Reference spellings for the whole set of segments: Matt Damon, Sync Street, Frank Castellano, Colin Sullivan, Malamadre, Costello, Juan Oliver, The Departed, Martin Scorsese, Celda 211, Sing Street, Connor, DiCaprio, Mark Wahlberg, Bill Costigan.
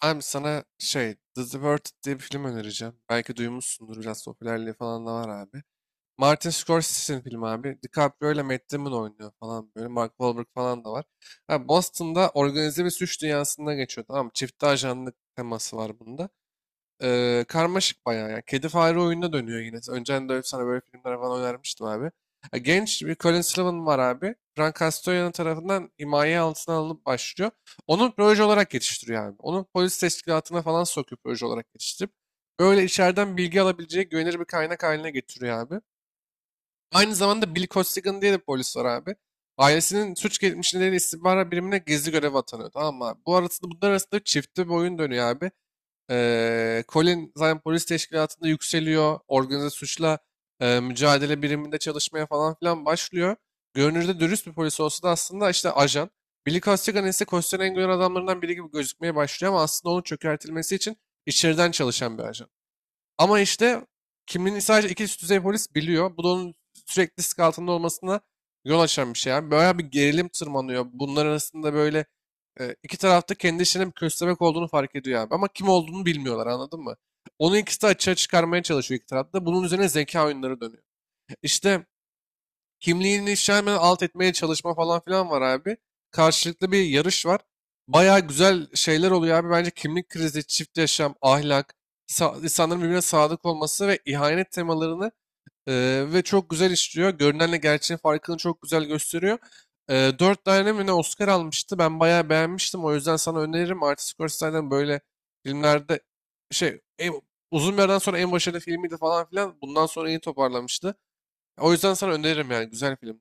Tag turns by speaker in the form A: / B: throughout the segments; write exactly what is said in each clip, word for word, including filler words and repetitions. A: Abi sana şey The Departed diye bir film önereceğim. Belki duymuşsundur, biraz popülerliği falan da var abi. Martin Scorsese'nin filmi abi. DiCaprio ile Matt Damon oynuyor falan böyle. Mark Wahlberg falan da var. Abi Boston'da organize bir suç dünyasında geçiyor, tamam mı? Çifte ajanlık teması var bunda. Eee, karmaşık bayağı ya. Kedi fare oyununa dönüyor yine. Önceden de sana böyle filmler falan önermiştim abi. Ya genç bir Colin Sullivan var abi. Frank Castellano tarafından himaye altına alınıp başlıyor. Onu proje olarak yetiştiriyor abi. Onu polis teşkilatına falan sokuyor, proje olarak yetiştirip. Böyle içeriden bilgi alabileceği güvenilir bir kaynak haline getiriyor abi. Aynı zamanda Bill Costigan diye de bir polis var abi. Ailesinin suç geçmişinde istihbarat birimine gizli görev atanıyor. Tamam mı abi? Bu arasında, bunlar arasında çiftli bir oyun dönüyor abi. Eee, Colin zaten polis teşkilatında yükseliyor. Organize suçla eee, mücadele biriminde çalışmaya falan filan başlıyor. Görünürde dürüst bir polis olsa da aslında işte ajan. Billy Costigan ise Costello'nun en güven adamlarından biri gibi gözükmeye başlıyor, ama aslında onun çökertilmesi için içeriden çalışan bir ajan. Ama işte kimliğini sadece iki üst düzey polis biliyor. Bu da onun sürekli risk altında olmasına yol açan bir şey. Yani böyle bir gerilim tırmanıyor. Bunlar arasında böyle e, iki tarafta kendi işinin bir köstebek olduğunu fark ediyor abi. Ama kim olduğunu bilmiyorlar, anladın mı? Onu ikisi de açığa çıkarmaya çalışıyor, iki tarafta. Bunun üzerine zeka oyunları dönüyor. İşte kimliğini işte hemen alt etmeye çalışma falan filan var abi. Karşılıklı bir yarış var. Baya güzel şeyler oluyor abi. Bence kimlik krizi, çift yaşam, ahlak, sa- insanların birbirine sadık olması ve ihanet temalarını e, ve çok güzel işliyor. Görünenle gerçeğin farkını çok güzel gösteriyor. E, dört tane mi ne Oscar almıştı. Ben bayağı beğenmiştim. O yüzden sana öneririm. Martin Scorsese'den böyle filmlerde şey en- uzun bir aradan sonra en başarılı filmiydi falan filan. Bundan sonra iyi toparlamıştı. O yüzden sana öneririm, yani güzel film.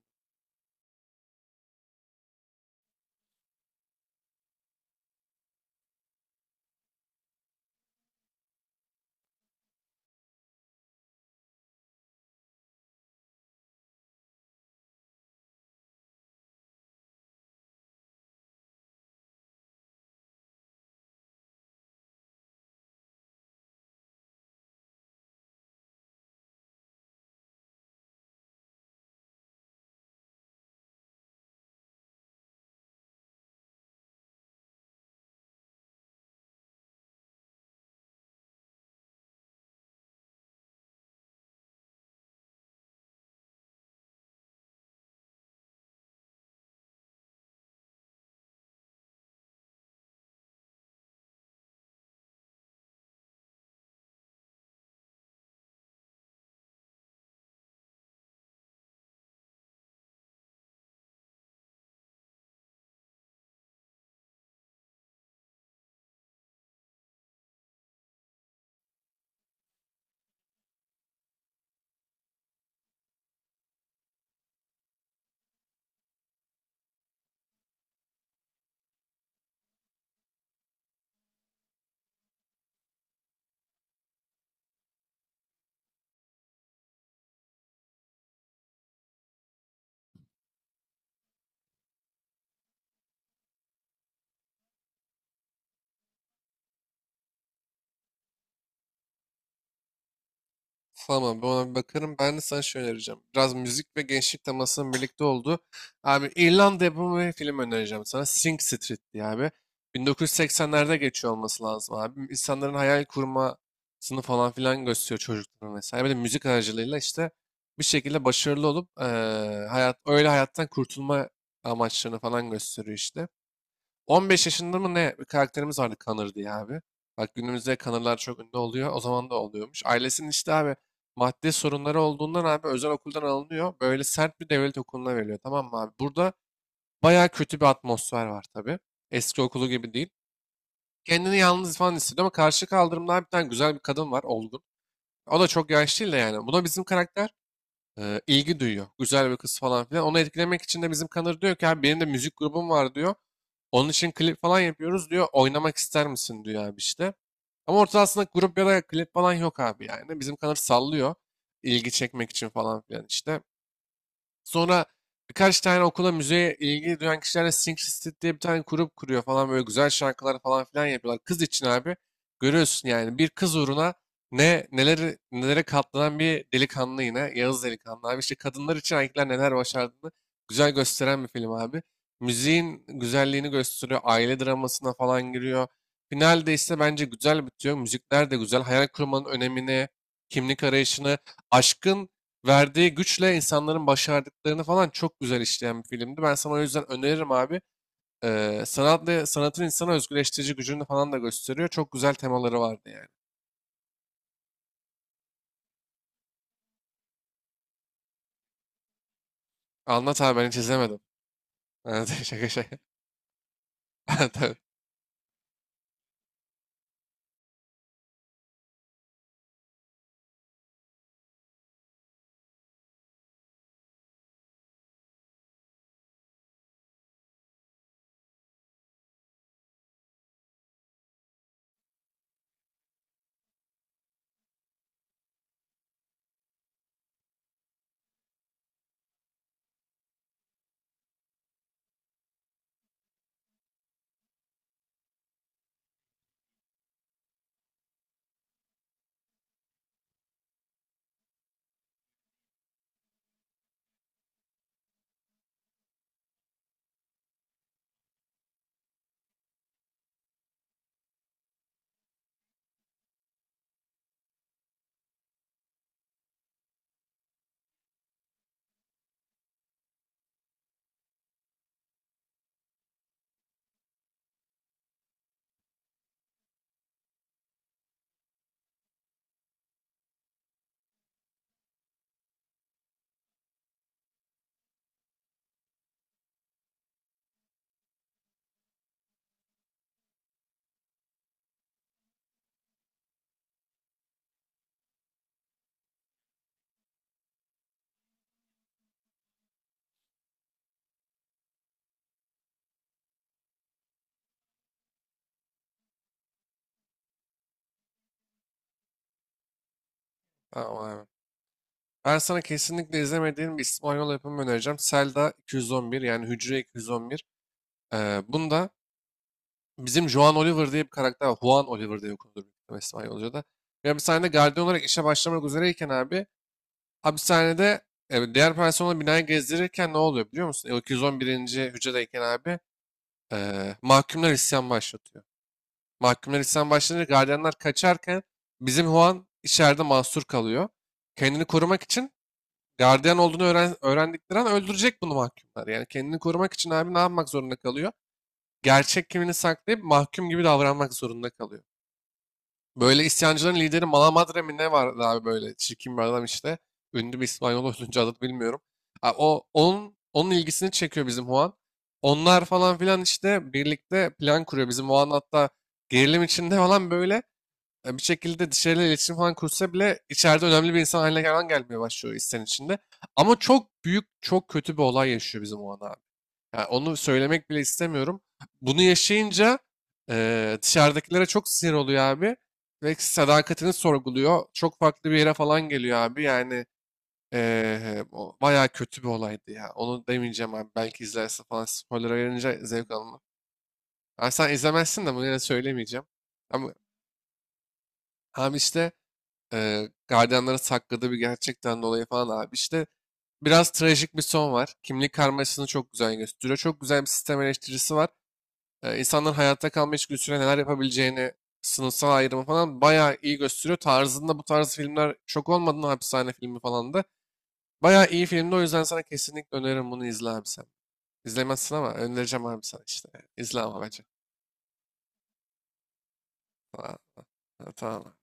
A: Tamam, ben ona bir bakarım. Ben de sana şey önereceğim. Biraz müzik ve gençlik temasının birlikte olduğu. Abi İrlanda yapımı bir film önereceğim sana. Sing Street diye abi. bin dokuz yüz seksenlerde geçiyor olması lazım abi. İnsanların hayal kurmasını falan filan gösteriyor, çocukların vesaire. Bir de müzik aracılığıyla işte bir şekilde başarılı olup eee, hayat öyle hayattan kurtulma amaçlarını falan gösteriyor işte. on beş yaşında mı ne bir karakterimiz vardı, Connor diye abi. Bak günümüzde Connor'lar çok ünlü oluyor. O zaman da oluyormuş. Ailesinin işte abi maddi sorunları olduğundan abi özel okuldan alınıyor. Böyle sert bir devlet okuluna veriliyor, tamam mı abi? Burada bayağı kötü bir atmosfer var tabii. Eski okulu gibi değil. Kendini yalnız falan hissediyor, ama karşı kaldırımda bir tane güzel bir kadın var, olgun. O da çok yaşlı değil de yani. Buna bizim karakter e, ilgi duyuyor. Güzel bir kız falan filan. Onu etkilemek için de bizim Connor diyor ki abi, benim de müzik grubum var diyor. Onun için klip falan yapıyoruz diyor. Oynamak ister misin diyor abi işte. Ama ortasında grup ya da klip falan yok abi yani. Bizim kanal sallıyor. İlgi çekmek için falan filan işte. Sonra birkaç tane okula müzeye ilgi duyan kişilerle Sync Street diye bir tane grup kuruyor falan, böyle güzel şarkılar falan filan yapıyorlar. Kız için abi görüyorsun yani, bir kız uğruna ne neleri nelere katlanan bir delikanlı, yine Yağız delikanlı abi işte, kadınlar için erkekler neler başardığını güzel gösteren bir film abi. Müziğin güzelliğini gösteriyor. Aile dramasına falan giriyor. Finalde ise bence güzel bitiyor. Müzikler de güzel. Hayal kurmanın önemini, kimlik arayışını, aşkın verdiği güçle insanların başardıklarını falan çok güzel işleyen bir filmdi. Ben sana o yüzden öneririm abi. Ee, sanatla, sanatın insana özgürleştirici gücünü falan da gösteriyor. Çok güzel temaları vardı yani. Anlat abi, ben hiç izlemedim. Evet, şaka şaka. Tabii. Tamam abi. Ben sana kesinlikle izlemediğim bir İspanyol yapımı önereceğim. Selda iki yüz on bir, yani Hücre iki yüz on bir. Ee, bunda bizim Juan Oliver diye bir karakter var. Juan Oliver diye okunur büyük İspanyolca'da. Ya bir sahnede gardiyan olarak işe başlamak üzereyken abi hapishanede e, diğer personel binayı gezdirirken ne oluyor biliyor musun? E, o iki yüz on birinci. hücredeyken abi e, mahkumlar isyan başlatıyor. Mahkumlar isyan başlatınca gardiyanlar kaçarken bizim Juan içeride mahsur kalıyor. Kendini korumak için gardiyan olduğunu öğren, öğrendikleri an öldürecek bunu mahkumlar. Yani kendini korumak için abi ne yapmak zorunda kalıyor? Gerçek kimliğini saklayıp mahkum gibi davranmak zorunda kalıyor. Böyle isyancıların lideri Malamadre mi ne vardı abi, böyle çirkin bir adam işte. Ünlü bir İspanyol oyuncu, adını bilmiyorum. Ha, O, onun, onun ilgisini çekiyor bizim Juan. Onlar falan filan işte birlikte plan kuruyor. Bizim Juan hatta gerilim içinde falan böyle e, bir şekilde dışarıyla iletişim falan kursa bile içeride önemli bir insan haline falan gelmeye başlıyor istenin içinde. Ama çok büyük, çok kötü bir olay yaşıyor bizim Juan abi. Yani onu söylemek bile istemiyorum. Bunu yaşayınca eee, dışarıdakilere çok sinir oluyor abi. Ve sadakatini sorguluyor. Çok farklı bir yere falan geliyor abi. Yani eee o bayağı kötü bir olaydı ya. Onu demeyeceğim abi. Belki izlerse falan, spoiler verince zevk alınır. Yani sen izlemezsin de bunu, yine söylemeyeceğim. Ama abi işte eee gardiyanlara sakladığı bir gerçekten dolayı falan abi. İşte biraz trajik bir son var. Kimlik karmaşasını çok güzel gösteriyor. Çok güzel bir sistem eleştirisi var. e, insanların hayatta kalma içgüdüsüyle neler yapabileceğini, sınıfsal ayrımı falan bayağı iyi gösteriyor. Tarzında bu tarz filmler, şok olmadın, hapishane filmi falan da. Bayağı iyi filmdi, o yüzden sana kesinlikle öneririm, bunu izle abi sen. İzlemezsin ama önereceğim abi sana işte. İzle ama bence. Tamam. Tamam.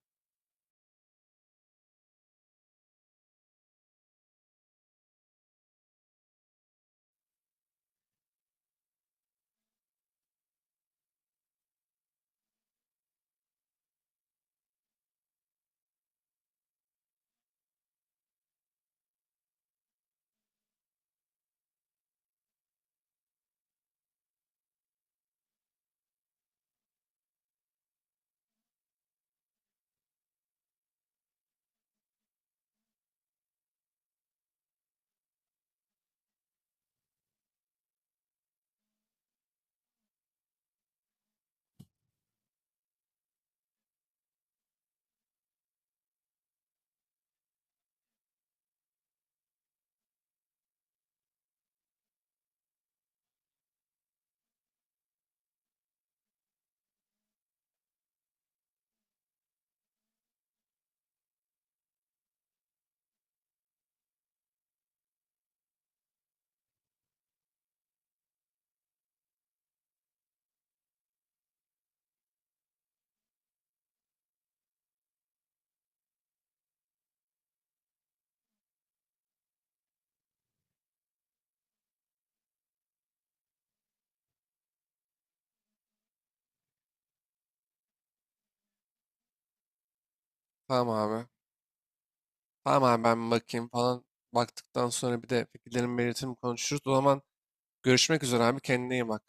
A: Tamam abi. Tamam abi, ben bakayım falan. Baktıktan sonra bir de fikirlerimi belirtirim, konuşuruz. O zaman görüşmek üzere abi, kendine iyi bak.